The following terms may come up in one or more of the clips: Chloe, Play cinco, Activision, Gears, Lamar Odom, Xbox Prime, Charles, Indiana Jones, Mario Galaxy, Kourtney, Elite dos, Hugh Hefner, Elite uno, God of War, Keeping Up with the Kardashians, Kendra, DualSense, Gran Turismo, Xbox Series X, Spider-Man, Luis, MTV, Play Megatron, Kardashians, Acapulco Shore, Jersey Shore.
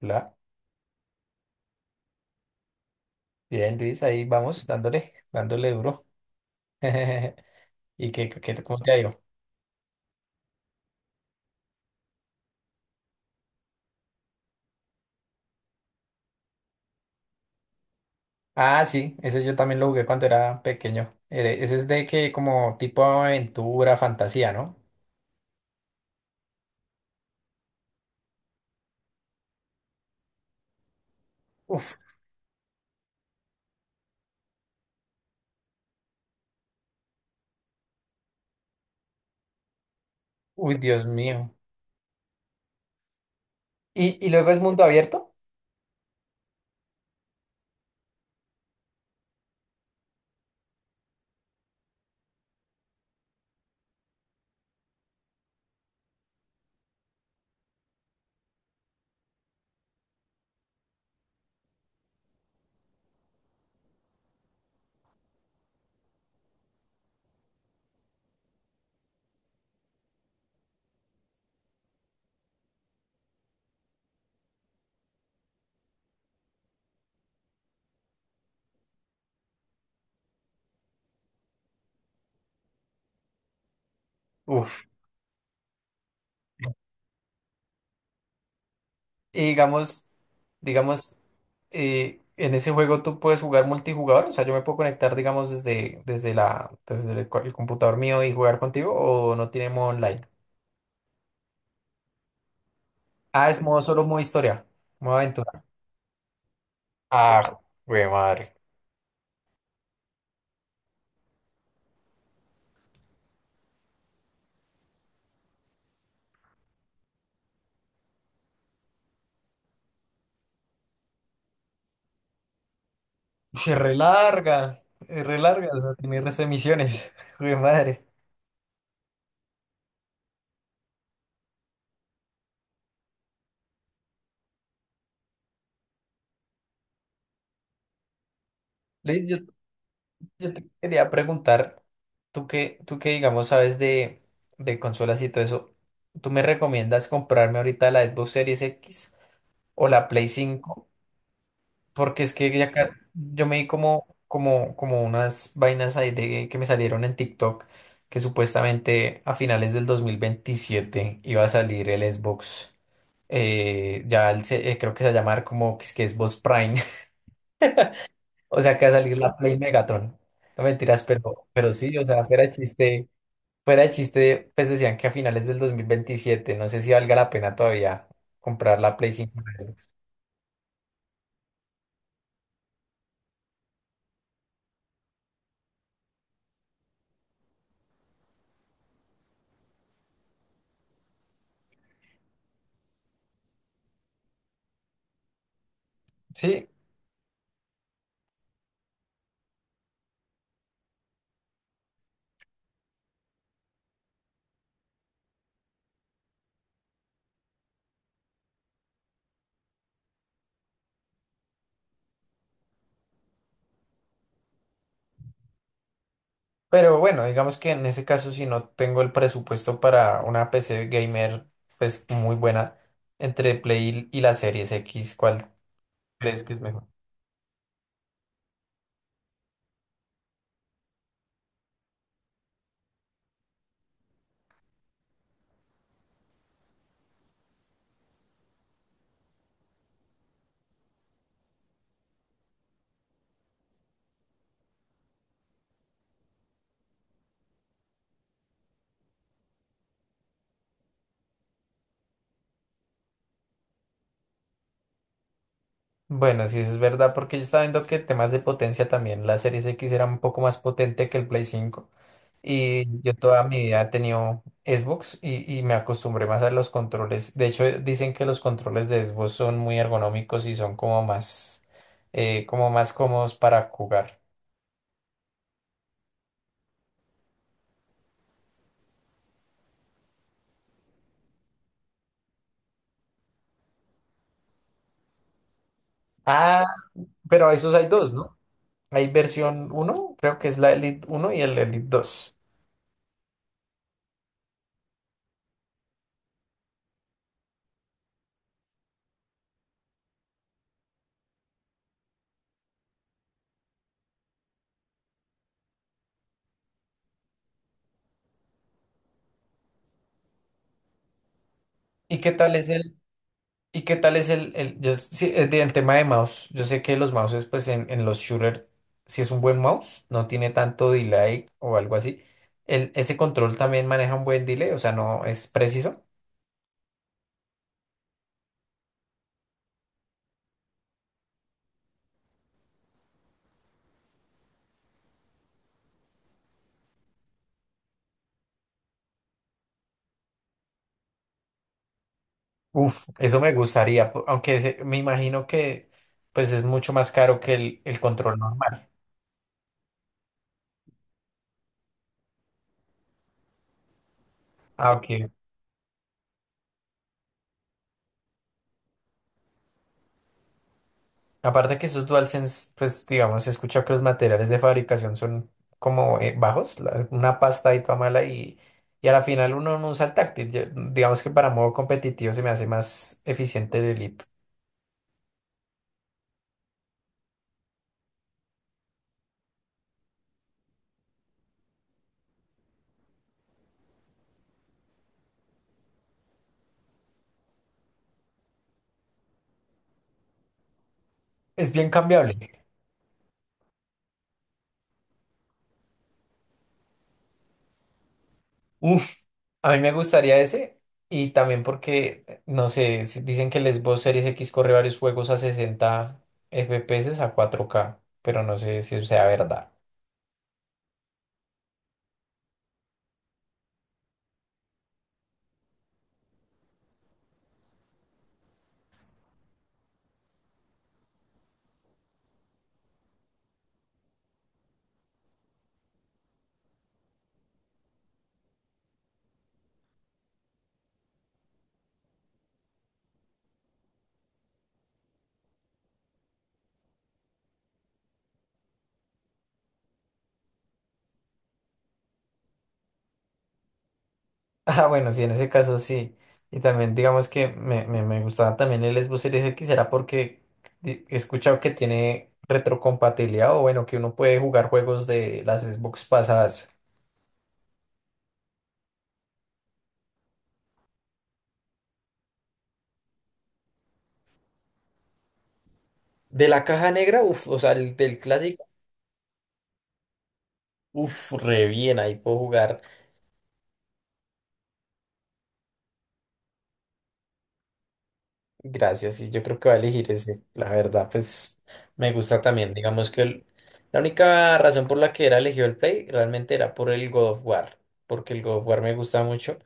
La. Bien, Luis, ahí vamos, dándole duro. ¿Y cómo te ha ido? Ah, sí, ese yo también lo jugué cuando era pequeño. Ese es de que como tipo aventura, fantasía, ¿no? Uf, uy, Dios mío. ¿Y luego es mundo abierto? Uf. Y digamos, en ese juego tú puedes jugar multijugador, o sea, yo me puedo conectar, digamos, desde la, desde el computador mío y jugar contigo, o no tiene modo online. Ah, es modo solo modo historia, modo aventura. Ah, güey, madre. Se relarga, es relarga, o sea, tiene res emisiones. Jue madre. Yo, yo te quería preguntar, tú que digamos sabes de consolas y todo eso, ¿tú me recomiendas comprarme ahorita la Xbox Series X o la Play cinco? Porque es que yo me di como unas vainas ahí de, que me salieron en TikTok que supuestamente a finales del 2027 iba a salir el Xbox. Creo que se va a llamar como que es que Xbox Prime. O sea que va a salir la Play Megatron. No mentiras, pero sí, o sea, fuera de chiste, pues decían que a finales del 2027 no sé si valga la pena todavía comprar la Play 5. Sí. Pero bueno, digamos que en ese caso, si no tengo el presupuesto para una PC gamer, pues muy buena, entre Play y la Series X, ¿cuál crees que es mejor? Bueno, sí, eso es verdad, porque yo estaba viendo que temas de potencia también, la Series X era un poco más potente que el Play cinco. Y yo toda mi vida he tenido Xbox y me acostumbré más a los controles. De hecho, dicen que los controles de Xbox son muy ergonómicos y son como más cómodos para jugar. Ah, pero esos hay dos, ¿no? Hay versión uno, creo que es la Elite uno y el Elite dos. ¿Y qué tal es el, y qué tal es el, yo s- sí, el, de- el tema de mouse? Yo sé que los mouses, pues en los shooters, si es un buen mouse, no tiene tanto delay o algo así. El, ese control también maneja un buen delay, o sea, no es preciso. Uf, eso me gustaría, me imagino que pues es mucho más caro que el control normal. Ah, ok. Aparte que esos DualSense, pues digamos, he escuchado que los materiales de fabricación son como bajos, una pasta y toda mala y a la final uno no usa el táctil. Digamos que para modo competitivo se me hace más eficiente el Elite. Es bien cambiable. Uf, a mí me gustaría ese y también porque, no sé, dicen que el Xbox Series X corre varios juegos a 60 FPS a 4K, pero no sé si sea verdad. Ah, bueno, sí, en ese caso sí. Y también digamos que me gustaba también el Xbox Series X, era porque he escuchado que tiene retrocompatibilidad o bueno, que uno puede jugar juegos de las Xbox pasadas. De la caja negra, uff, o sea, el, del clásico, uff, re bien, ahí puedo jugar. Gracias, y yo creo que va a elegir ese. La verdad, pues me gusta también. Digamos que la única razón por la que era elegido el Play realmente era por el God of War, porque el God of War me gusta mucho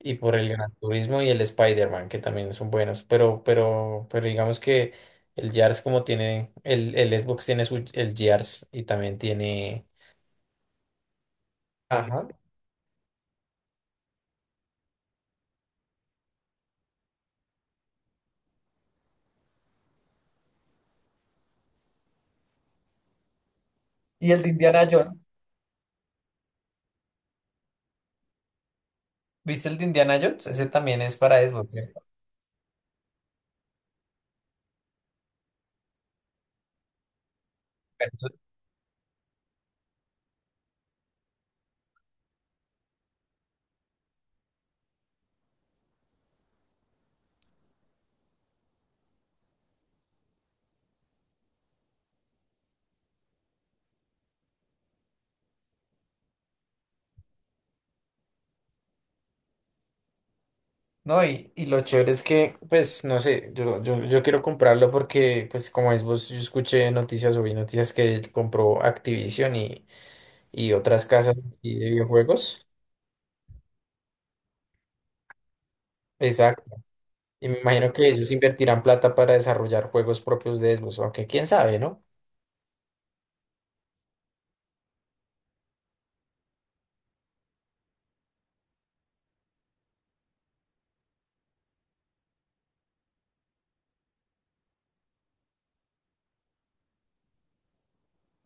y por el Gran Turismo y el Spider-Man, que también son buenos, pero digamos que el Gears como tiene, el Xbox tiene su, el Gears y también tiene... Ajá. ¿Y el de Indiana Jones? ¿Viste el de Indiana Jones? Ese también es para Xbox. ¿Cierto? No, y lo chévere es que, pues, no sé, yo quiero comprarlo porque, pues, como es vos, yo escuché noticias o vi noticias que él compró Activision y otras casas y de videojuegos. Exacto. Y me imagino que ellos invertirán plata para desarrollar juegos propios de Xbox, aunque quién sabe, ¿no?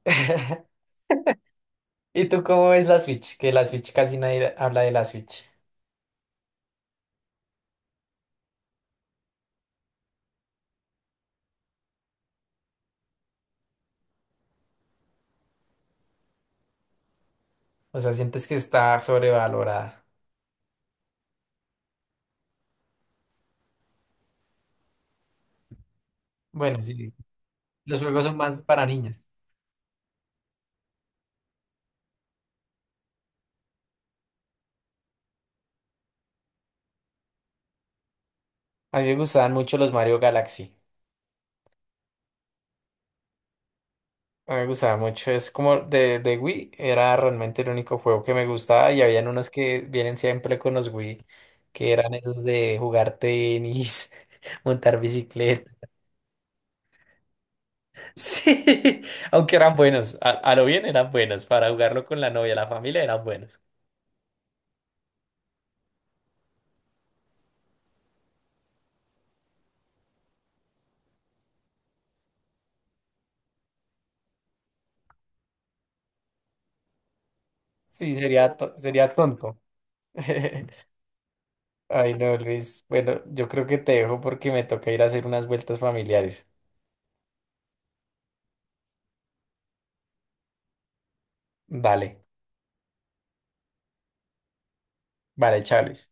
¿Y tú cómo ves la Switch? Que la Switch casi nadie habla de la Switch. O sea, sientes que está sobrevalorada. Bueno, sí, los juegos son más para niños. A mí me gustaban mucho los Mario Galaxy. A mí me gustaba mucho, es como de Wii, era realmente el único juego que me gustaba y habían unos que vienen siempre con los Wii, que eran esos de jugar tenis, montar bicicleta. Sí, aunque eran buenos, a lo bien eran buenos, para jugarlo con la novia, la familia eran buenos. Sí, sería, sería tonto. Ay, no, Luis. Bueno, yo creo que te dejo porque me toca ir a hacer unas vueltas familiares. Vale, vale, Charles.